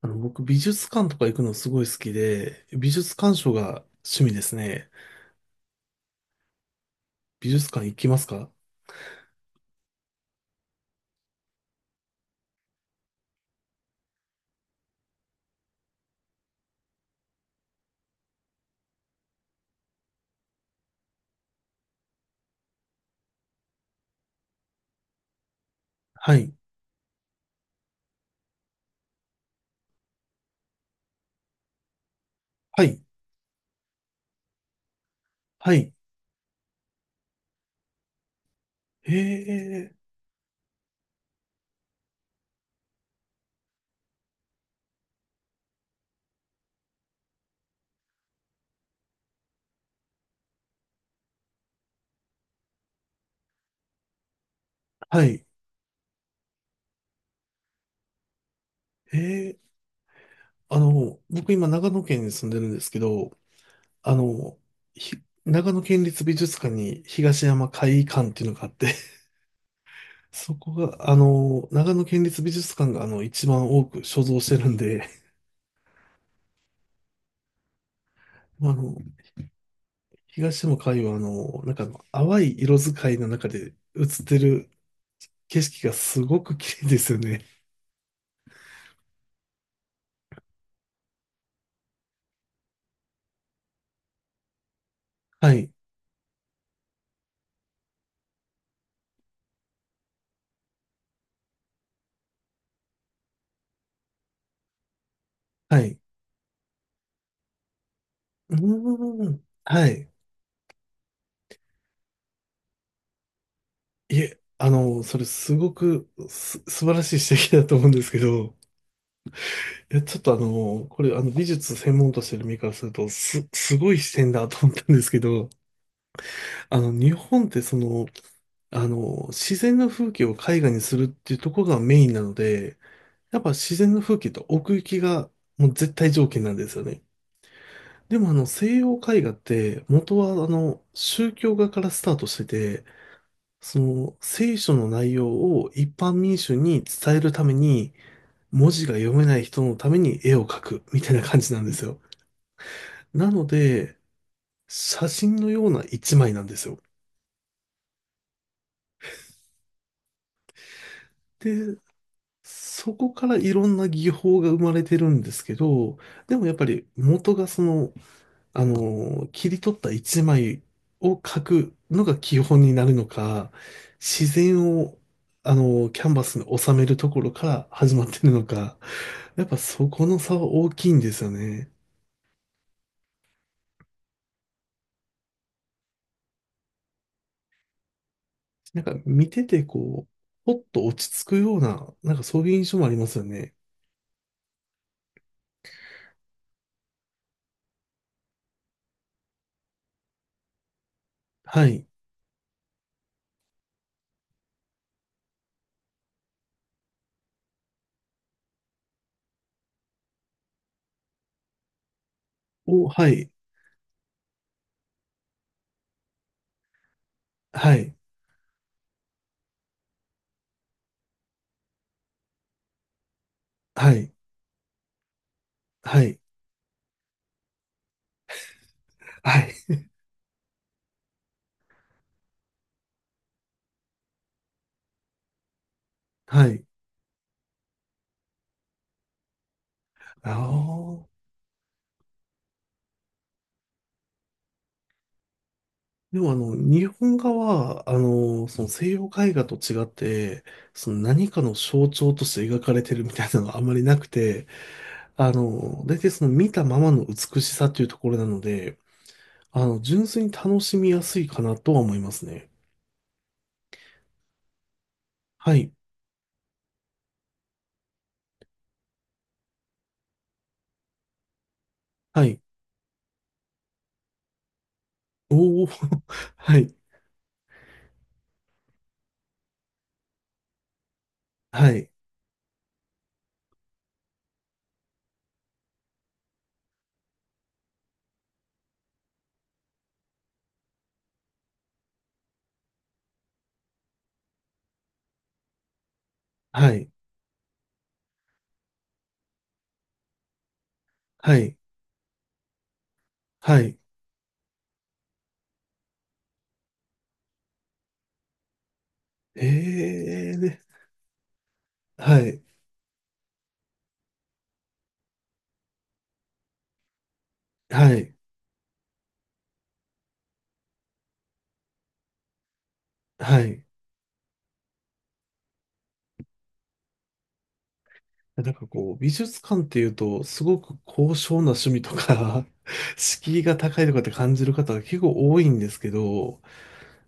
あの、僕、美術館とか行くのすごい好きで、美術鑑賞が趣味ですね。美術館行きますか？はい。はい。はい。ええ、はい。ええ、あの、僕今長野県に住んでるんですけど、あの、ひ長野県立美術館に東山会館っていうのがあって、そこが、あの、長野県立美術館が、あの、一番多く所蔵してるんで、まああの、東山海は、あの、なんかあの、淡い色使いの中で映ってる景色がすごく綺麗ですよね。はい、はい。うーん、はい。いえ、あの、それすごく素晴らしい指摘だと思うんですけど、いや、ちょっとあの、これ、あの、美術専門としてる身からすると、すごい視点だと思ったんですけど、あの、日本ってその、あの、自然の風景を絵画にするっていうところがメインなので、やっぱ自然の風景と奥行きがもう絶対条件なんですよね。でもあの、西洋絵画って元はあの、宗教画からスタートしてて、その聖書の内容を一般民衆に伝えるために、文字が読めない人のために絵を描くみたいな感じなんですよ。なので、写真のような一枚なんですよ。で、そこからいろんな技法が生まれてるんですけど、でもやっぱり元がその、あの、切り取った一枚を描くのが基本になるのか、自然を、あの、キャンバスに収めるところから始まってるのか、やっぱそこの差は大きいんですよね。なんか見ててこう、ほっと落ち着くような、なんかそういう印象もありますよね。はい。お、はい。はい。はい。はい。はい。はい。ああ。でもあの、日本画は、あの、その西洋絵画と違って、その何かの象徴として描かれてるみたいなのがあんまりなくて、あの、大体その見たままの美しさというところなので、あの、純粋に楽しみやすいかなとは思いますね。はい、はい、おお はい、はい、はい、はい、はい、ええー、ねはい、はい、はい。なんかこう、美術館っていうと、すごく高尚な趣味とか 敷居が高いとかって感じる方が結構多いんですけど、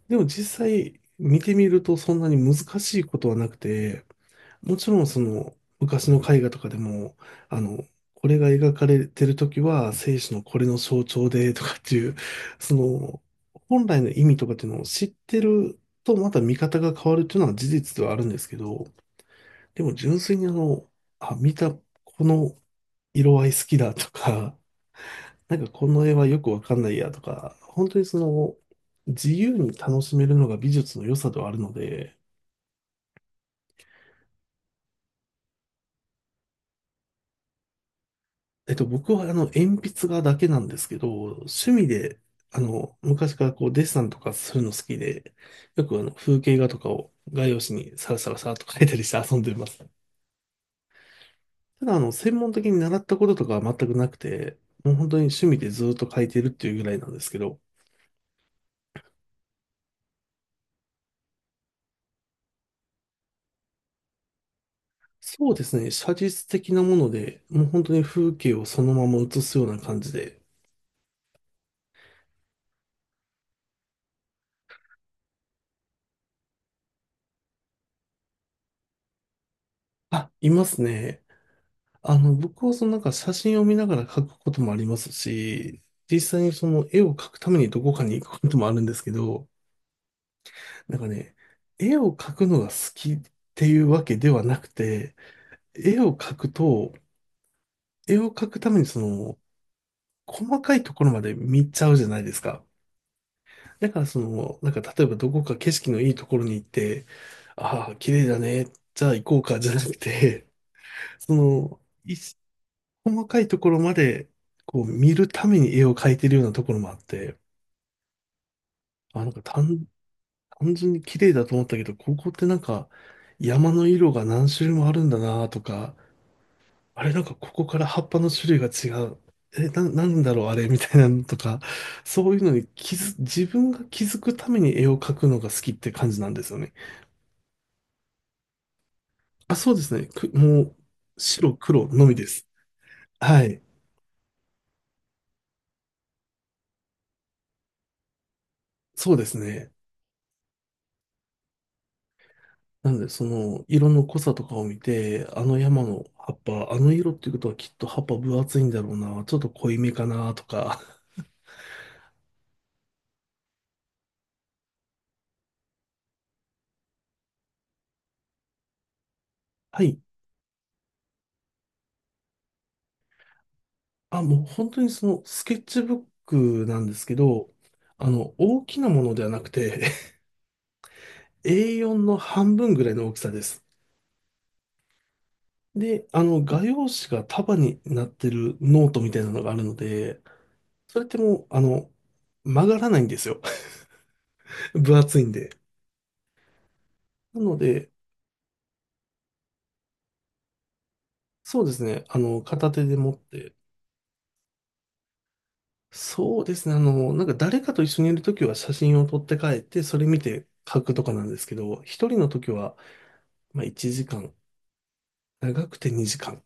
でも実際見てみるとそんなに難しいことはなくて、もちろんその昔の絵画とかでも、あの、これが描かれてる時は生死のこれの象徴でとかっていう、その本来の意味とかっていうのを知ってるとまた見方が変わるっていうのは事実ではあるんですけど、でも純粋にあの、あ、見た、この色合い好きだとか、なんかこの絵はよくわかんないやとか、本当にその、自由に楽しめるのが美術の良さではあるので、僕はあの、鉛筆画だけなんですけど、趣味で、あの、昔からこう、デッサンとかするの好きで、よくあの、風景画とかを画用紙にサラサラサラっと描いたりして遊んでます。ただあの、専門的に習ったこととかは全くなくて、もう本当に趣味でずっと描いてるっていうぐらいなんですけど、そうですね。写実的なもので、もう本当に風景をそのまま写すような感じで。あ、いますね。あの、僕はそのなんか写真を見ながら描くこともありますし、実際にその絵を描くためにどこかに行くこともあるんですけど、なんかね、絵を描くのが好きっていうわけではなくて、絵を描くと、絵を描くためにその、細かいところまで見ちゃうじゃないですか。だからその、なんか例えばどこか景色のいいところに行って、ああ、綺麗だね、じゃあ行こうか、じゃなくて、その、細かいところまで、こう見るために絵を描いてるようなところもあって、あ、なんか単純に綺麗だと思ったけど、ここってなんか山の色が何種類もあるんだなとか、あれなんかここから葉っぱの種類が違う。え、なんだろうあれみたいなのとか、そういうのに自分が気づくために絵を描くのが好きって感じなんですよね。あ、そうですね。もう、白黒のみです。はい。そうですね。なので、その、色の濃さとかを見て、あの山の葉っぱ、あの色っていうことはきっと葉っぱ分厚いんだろうな、ちょっと濃いめかな、とか。はい。あ、もう本当にその、スケッチブックなんですけど、あの、大きなものではなくて A4 の半分ぐらいの大きさです。で、あの、画用紙が束になってるノートみたいなのがあるので、それってもう、あの、曲がらないんですよ。分厚いんで。なので、そうですね。あの、片手で持って。そうですね。あの、なんか誰かと一緒にいるときは写真を撮って帰って、それ見て書くとかなんですけど、一人のときは、まあ1時間、長くて2時間。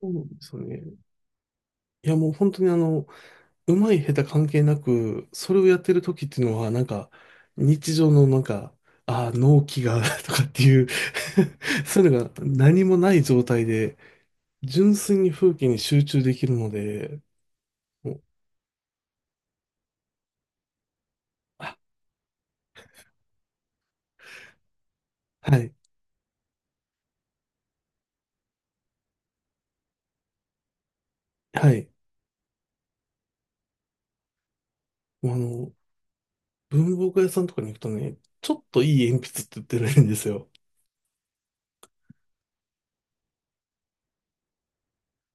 そうなんですよね。いや、もう本当にあの、うまい下手関係なく、それをやってるときっていうのは、なんか、日常のなんか、ああ、納期が とかっていう そういうのが何もない状態で、純粋に風景に集中できるので、もあはい。はい。もうあの、文房具屋さんとかに行くとね、ちょっといい鉛筆って売ってるんですよ。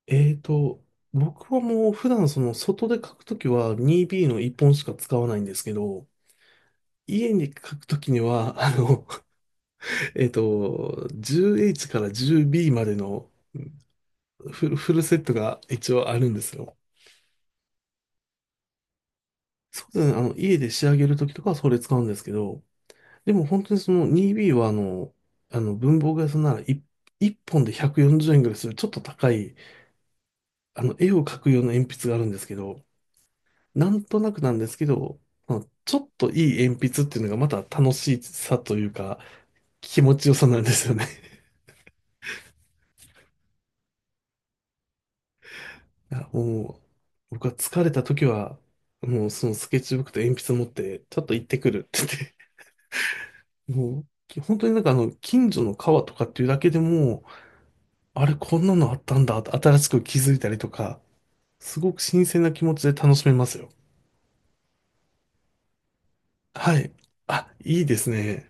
えーと、僕はもう普段その外で書くときは 2B の1本しか使わないんですけど、家に書くときには、あの、10H から 10B までのフルセットが一応あるんですよ。そうですね、あの、家で仕上げるときとかはそれ使うんですけど、でも本当にその 2B はあの、あの文房具屋さんなら1、一本で140円ぐらいするちょっと高い、あの絵を描く用の鉛筆があるんですけど、なんとなくなんですけど、まあちょっといい鉛筆っていうのがまた楽しさというか、気持ちよさなんですよね。いやもう、僕は疲れた時は、もうそのスケッチブックと鉛筆持って、ちょっと行ってくるって言って、もう、本当になんかあの、近所の川とかっていうだけでも、あれこんなのあったんだって新しく気づいたりとか、すごく新鮮な気持ちで楽しめますよ。はい。あ、いいですね。